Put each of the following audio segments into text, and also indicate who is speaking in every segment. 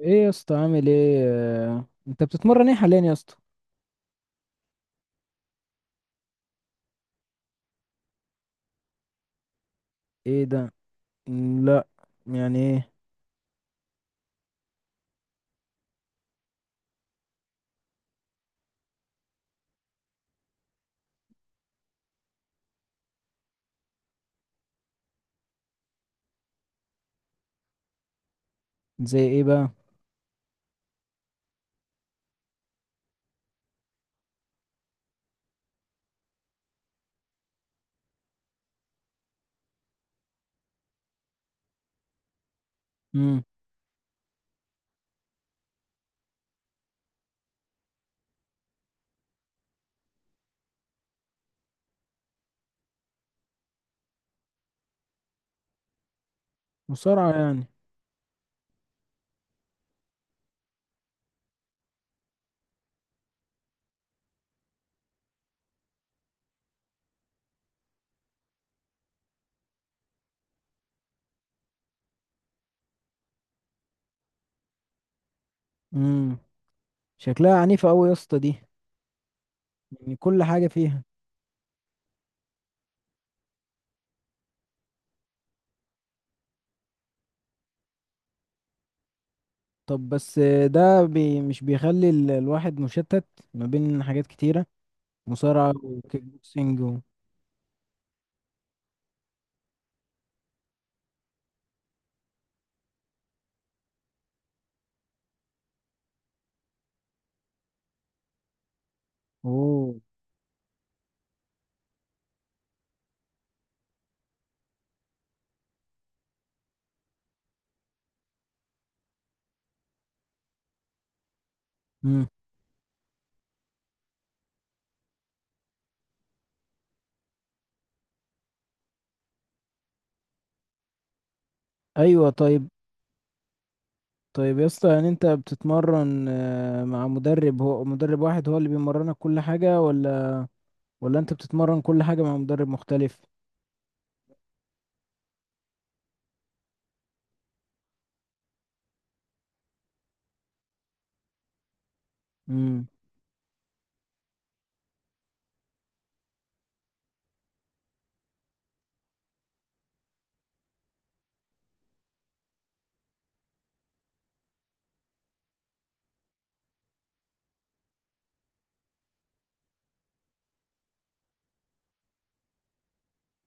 Speaker 1: ايه يا اسطى؟ عامل ايه؟ انت بتتمرن ايه حاليا يا اسطى؟ ايه ده؟ لا. يعني ايه؟ زي ايه بقى؟ امم مصارعة يعني. امم شكلها عنيفة قوي يا اسطى دي، يعني كل حاجة فيها. طب بس ده بي مش بيخلي الواحد مشتت ما بين حاجات كتيرة، مصارعة وكيك بوكسينج و... اوه. امم. ايوه، طيب. طيب يا اسطى، يعني انت بتتمرن مع مدرب، هو مدرب واحد هو اللي بيمرنك كل حاجة، ولا انت بتتمرن كل حاجة مع مدرب مختلف؟ امم.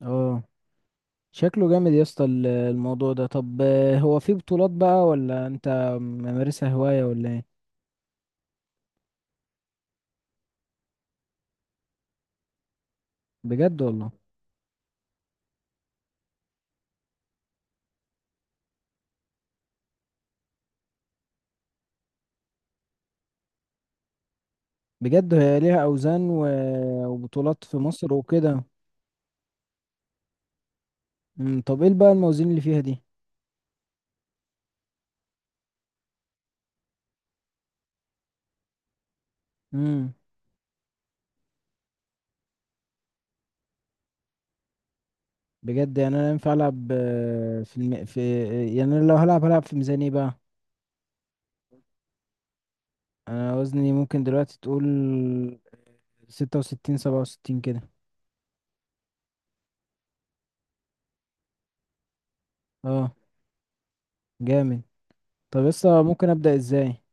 Speaker 1: اه، شكله جامد يا اسطى الموضوع ده. طب هو في بطولات بقى، ولا انت ممارسها هواية ولا ايه؟ بجد والله؟ بجد هي ليها اوزان و... وبطولات في مصر وكده؟ امم. طب ايه بقى الموازين اللي فيها دي؟ امم. بجد؟ يعني انا ينفع العب في الم... في، يعني انا لو هلعب هلعب في ميزان ايه بقى؟ انا وزني ممكن دلوقتي تقول ستة وستين، سبعة وستين كده. اه. جامد. طب لسه ممكن ابدا ازاي؟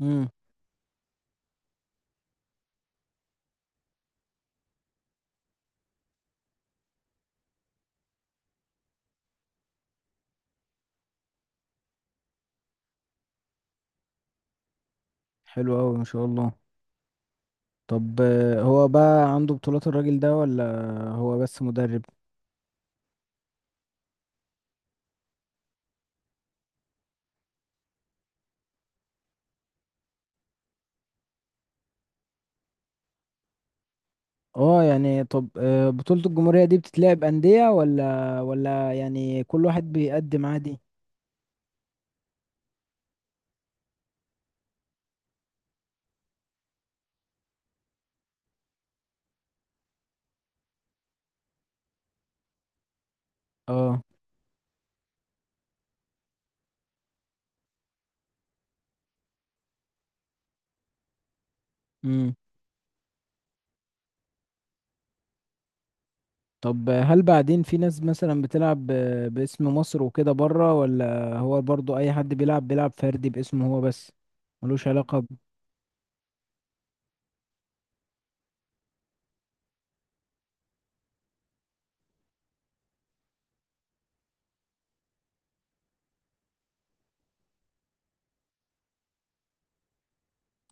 Speaker 1: امم. حلو قوي، ما شاء الله. طب هو بقى عنده بطولات الراجل ده، ولا هو بس مدرب؟ اه، يعني طب بطولة الجمهورية دي بتتلعب أندية ولا يعني كل واحد بيقدم عادي؟ اه. امم. طب هل بعدين في ناس مثلا بتلعب باسم مصر وكده بره، ولا هو برضو اي حد بيلعب بيلعب فردي باسمه هو بس، ملوش علاقة ب...؟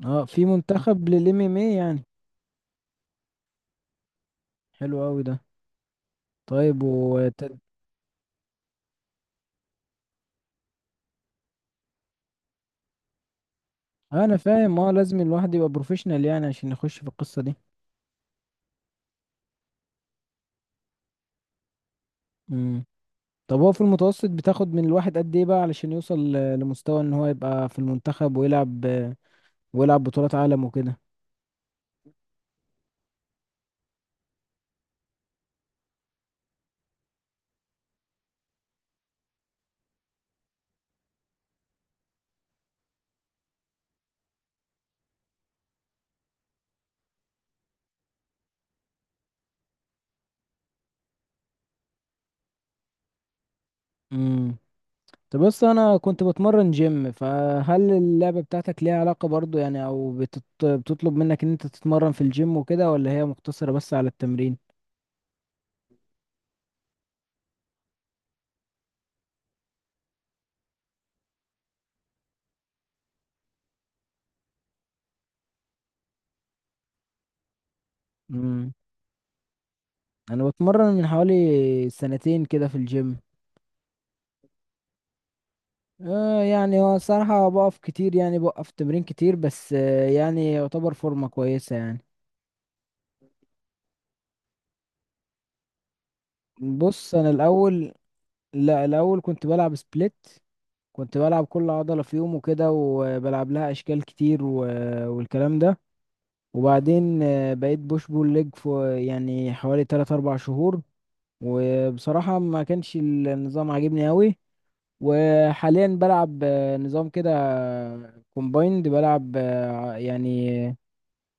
Speaker 1: اه، في منتخب للام ام اي يعني؟ حلو قوي ده. طيب و... انا فاهم، اه، لازم الواحد يبقى بروفيشنال يعني عشان يخش في القصة دي. امم. طب هو في المتوسط بتاخد من الواحد قد ايه بقى علشان يوصل لمستوى ان هو يبقى في المنتخب ويلعب، بطولات عالم وكده؟ امم. طب بس انا كنت بتمرن جيم، فهل اللعبة بتاعتك ليها علاقة برضو يعني، او بتط... بتطلب منك ان انت تتمرن في الجيم وكده، ولا هي مقتصرة بس على التمرين؟ امم. انا بتمرن من حوالي سنتين كده في الجيم. آه يعني هو الصراحة بقف كتير، يعني بوقف تمرين كتير، بس آه يعني يعتبر فورمة كويسة يعني. بص أنا الأول، لا الأول كنت بلعب سبليت، كنت بلعب كل عضلة في يوم وكده وبلعب لها أشكال كتير و... والكلام ده. وبعدين آه بقيت بوش بول ليج في يعني حوالي تلات أربع شهور، وبصراحة ما كانش النظام عاجبني أوي. وحاليا بلعب نظام كده كومبايند، بلعب يعني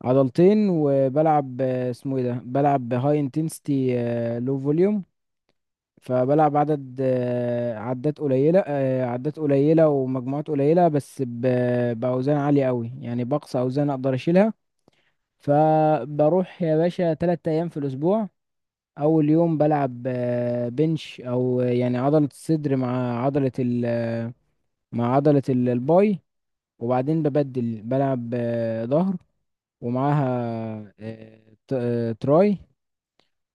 Speaker 1: عضلتين، وبلعب اسمه ايه ده، بلعب هاي انتنسيتي لو فوليوم. فبلعب عدد عدات قليلة، عدات قليلة ومجموعات قليلة، بس بأوزان عالية قوي، يعني بقصى أوزان أقدر أشيلها. فبروح يا باشا تلات أيام في الأسبوع. أول يوم بلعب بنش، أو يعني عضلة الصدر مع عضلة ال آه، مع عضلة الباي. وبعدين ببدل، بلعب ظهر ومعاها تراي.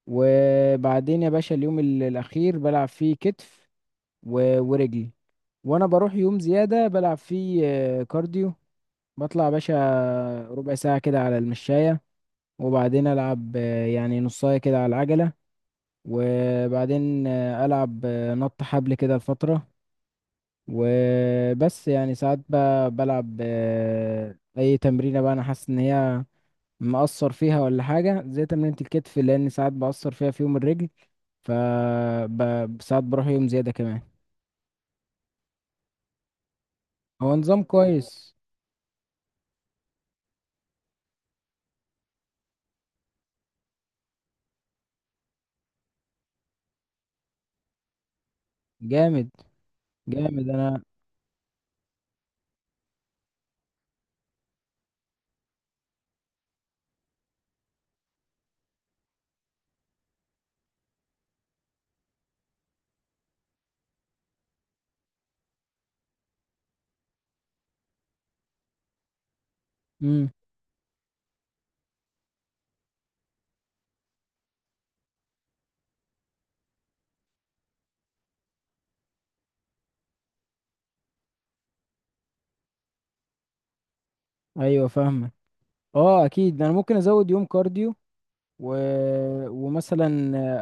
Speaker 1: وبعدين يا باشا اليوم الأخير بلعب فيه كتف ورجلي. وأنا بروح يوم زيادة بلعب فيه كارديو، بطلع يا باشا ربع ساعة كده على المشاية، وبعدين ألعب يعني نصاية كده على العجلة، وبعدين ألعب نط حبل كده لفترة. وبس، يعني ساعات بلعب أي تمرينة بقى أنا حاسس إن هي مقصر فيها ولا حاجة، زي تمرينة الكتف لأن ساعات بقصر فيها في يوم الرجل. ف ساعات بروح يوم زيادة كمان. هو نظام كويس. جامد، جامد. أنا مم. أيوة، فاهمة. اه أكيد، أنا ممكن أزود يوم كارديو و... ومثلا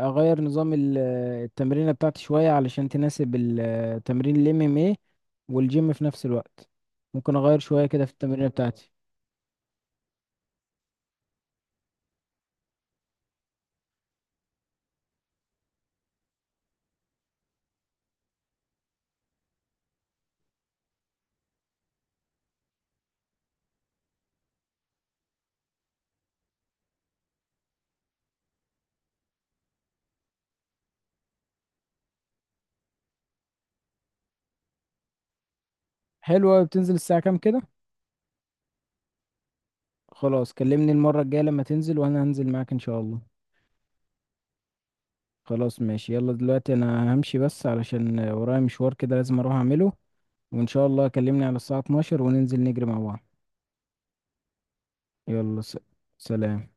Speaker 1: أغير نظام التمرينة بتاعتي شوية علشان تناسب تمرين ال MMA والجيم في نفس الوقت. ممكن أغير شوية كده في التمرينة بتاعتي. حلوة، بتنزل الساعة كام كده؟ خلاص، كلمني المرة الجاية لما تنزل وانا هنزل معاك ان شاء الله. خلاص ماشي، يلا دلوقتي انا همشي بس علشان ورايا مشوار كده لازم اروح اعمله، وان شاء الله كلمني على الساعة 12 وننزل نجري مع بعض. يلا، سلام.